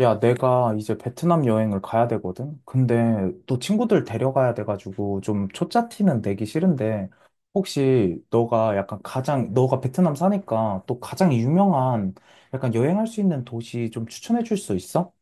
야, 내가 이제 베트남 여행을 가야 되거든? 근데 또 친구들 데려가야 돼가지고 좀 초짜 티는 내기 싫은데. 혹시 너가 약간 가장, 너가 베트남 사니까 또 가장 유명한 약간 여행할 수 있는 도시 좀 추천해 줄 수 있어?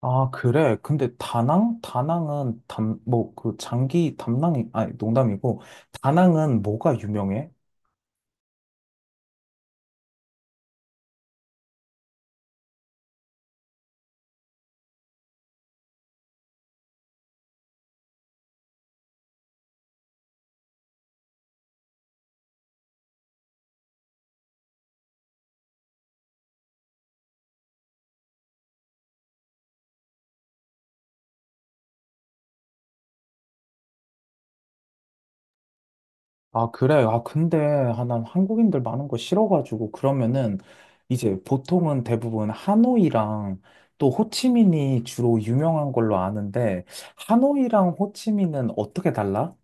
아, 그래. 근데 다낭? 다낭은 담, 뭐 그 장기 담낭이, 아니, 농담이고. 다낭은 뭐가 유명해? 아, 그래. 아, 근데, 아, 난 한국인들 많은 거 싫어가지고, 그러면은, 이제 보통은 대부분 하노이랑 또 호치민이 주로 유명한 걸로 아는데, 하노이랑 호치민은 어떻게 달라?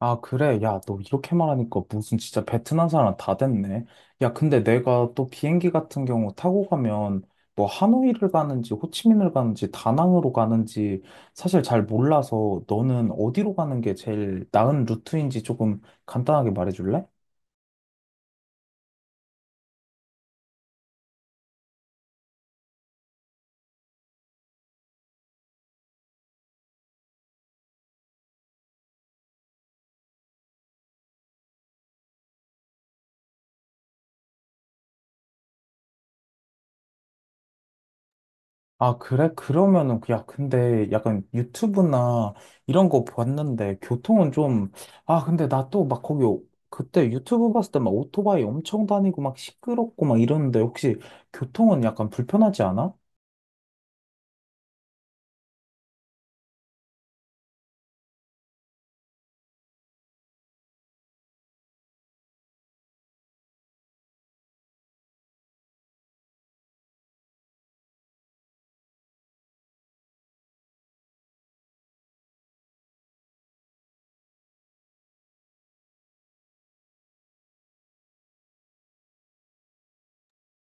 아, 그래. 야, 너 이렇게 말하니까 무슨 진짜 베트남 사람 다 됐네. 야, 근데 내가 또 비행기 같은 경우 타고 가면 뭐 하노이를 가는지 호치민을 가는지 다낭으로 가는지 사실 잘 몰라서 너는 어디로 가는 게 제일 나은 루트인지 조금 간단하게 말해줄래? 아, 그래? 그러면은, 그 야, 근데 약간 유튜브나 이런 거 봤는데, 교통은 좀, 아, 근데 나 또 막 거기, 그때 유튜브 봤을 때 막 오토바이 엄청 다니고 막 시끄럽고 막 이러는데, 혹시 교통은 약간 불편하지 않아?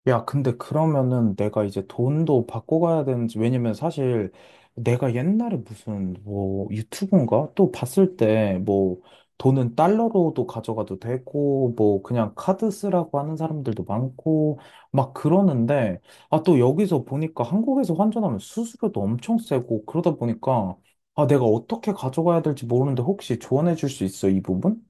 야, 근데 그러면은 내가 이제 돈도 받고 가야 되는지, 왜냐면 사실 내가 옛날에 무슨 뭐 유튜브인가? 또 봤을 때 뭐 돈은 달러로도 가져가도 되고, 뭐 그냥 카드 쓰라고 하는 사람들도 많고, 막 그러는데, 아, 또 여기서 보니까 한국에서 환전하면 수수료도 엄청 세고, 그러다 보니까, 아, 내가 어떻게 가져가야 될지 모르는데 혹시 조언해 줄 수 있어, 이 부분?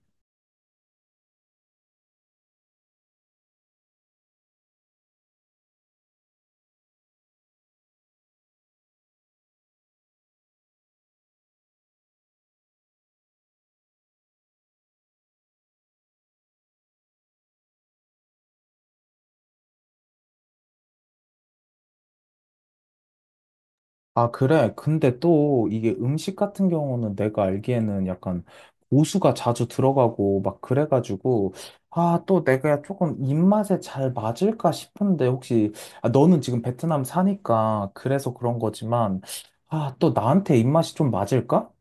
아, 그래. 근데 또 이게 음식 같은 경우는 내가 알기에는 약간 고수가 자주 들어가고 막 그래가지고, 아, 또 내가 조금 입맛에 잘 맞을까 싶은데 혹시, 아, 너는 지금 베트남 사니까 그래서 그런 거지만, 아, 또 나한테 입맛이 좀 맞을까?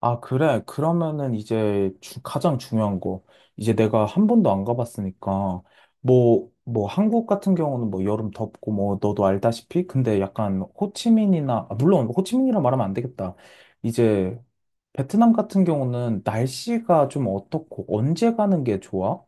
아, 그래. 그러면은 이제 가장 중요한 거. 이제 내가 한 번도 안 가봤으니까. 뭐 한국 같은 경우는 뭐 여름 덥고 뭐 너도 알다시피. 근데 약간 호치민이나, 아, 물론 호치민이라 말하면 안 되겠다. 이제 베트남 같은 경우는 날씨가 좀 어떻고 언제 가는 게 좋아?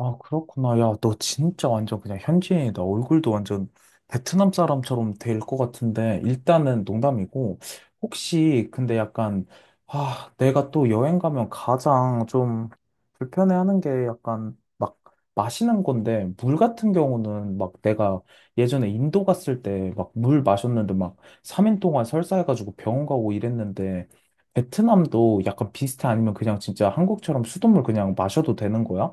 아, 그렇구나. 야, 너 진짜 완전 그냥 현지인이다. 얼굴도 완전 베트남 사람처럼 될 것 같은데, 일단은 농담이고, 혹시, 근데 약간, 아, 내가 또 여행 가면 가장 좀 불편해하는 게 약간 막 마시는 건데, 물 같은 경우는 막 내가 예전에 인도 갔을 때 막 물 마셨는데 막 3일 동안 설사해가지고 병원 가고 이랬는데, 베트남도 약간 비슷해? 아니면 그냥 진짜 한국처럼 수돗물 그냥 마셔도 되는 거야?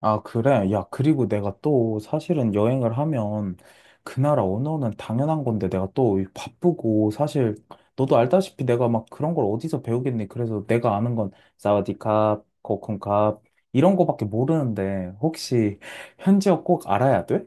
아, 그래. 야, 그리고 내가 또 사실은 여행을 하면 그 나라 언어는 당연한 건데 내가 또 바쁘고 사실 너도 알다시피 내가 막 그런 걸 어디서 배우겠니? 그래서 내가 아는 건 사와디캅, 코쿤캅 이런 거밖에 모르는데 혹시 현지어 꼭 알아야 돼?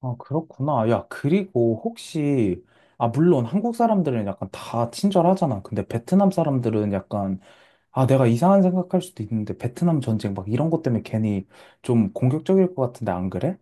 아, 그렇구나. 야, 그리고 혹시, 아, 물론 한국 사람들은 약간 다 친절하잖아. 근데 베트남 사람들은 약간, 아, 내가 이상한 생각할 수도 있는데, 베트남 전쟁 막 이런 것 때문에 괜히 좀 공격적일 것 같은데, 안 그래?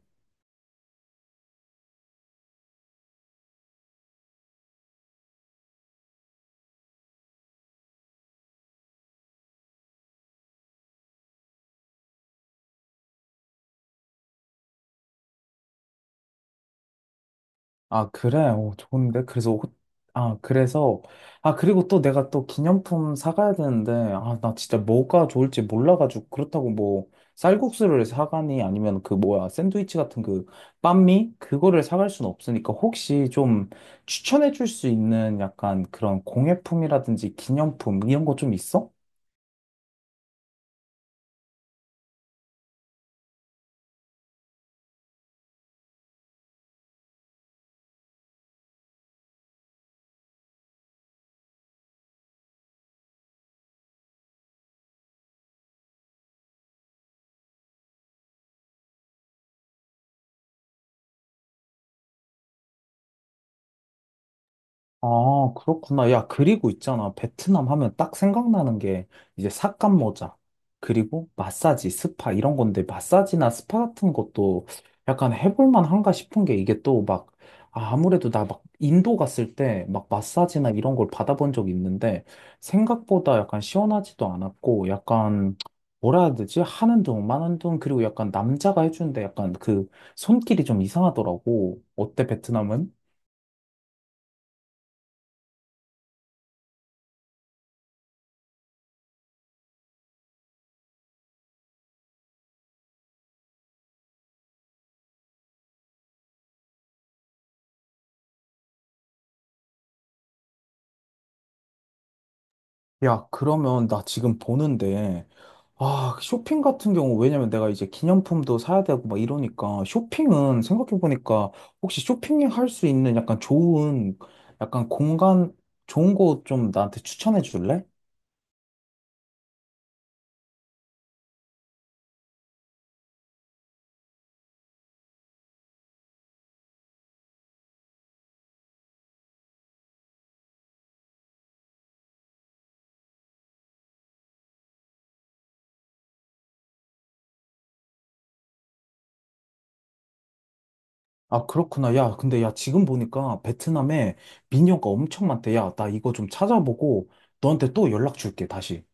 아, 그래? 어, 좋은데? 아, 그래서, 아, 그리고 또 내가 또 기념품 사가야 되는데, 아, 나 진짜 뭐가 좋을지 몰라가지고, 그렇다고 뭐, 쌀국수를 사가니, 아니면 그 뭐야, 샌드위치 같은 그, 빤미? 그거를 사갈 순 없으니까, 혹시 좀 추천해 줄 수 있는 약간 그런 공예품이라든지 기념품, 이런 거 좀 있어? 아, 그렇구나. 야, 그리고 있잖아. 베트남 하면 딱 생각나는 게 이제 삭감 모자, 그리고 마사지, 스파 이런 건데 마사지나 스파 같은 것도 약간 해볼 만한가 싶은 게 이게 또 막, 아, 아무래도 나 막 인도 갔을 때 막 마사지나 이런 걸 받아본 적이 있는데 생각보다 약간 시원하지도 않았고 약간 뭐라 해야 되지? 하는 둥, 마는 둥, 그리고 약간 남자가 해주는데 약간 그 손길이 좀 이상하더라고. 어때, 베트남은? 야, 그러면 나 지금 보는데, 아, 쇼핑 같은 경우, 왜냐면 내가 이제 기념품도 사야 되고 막 이러니까, 쇼핑은 생각해보니까, 혹시 쇼핑할 수 있는 약간 좋은, 약간 공간, 좋은 곳 좀 나한테 추천해 줄래? 아, 그렇구나. 야, 근데 야, 지금 보니까 베트남에 미녀가 엄청 많대. 야, 나 이거 좀 찾아보고, 너한테 또 연락 줄게, 다시.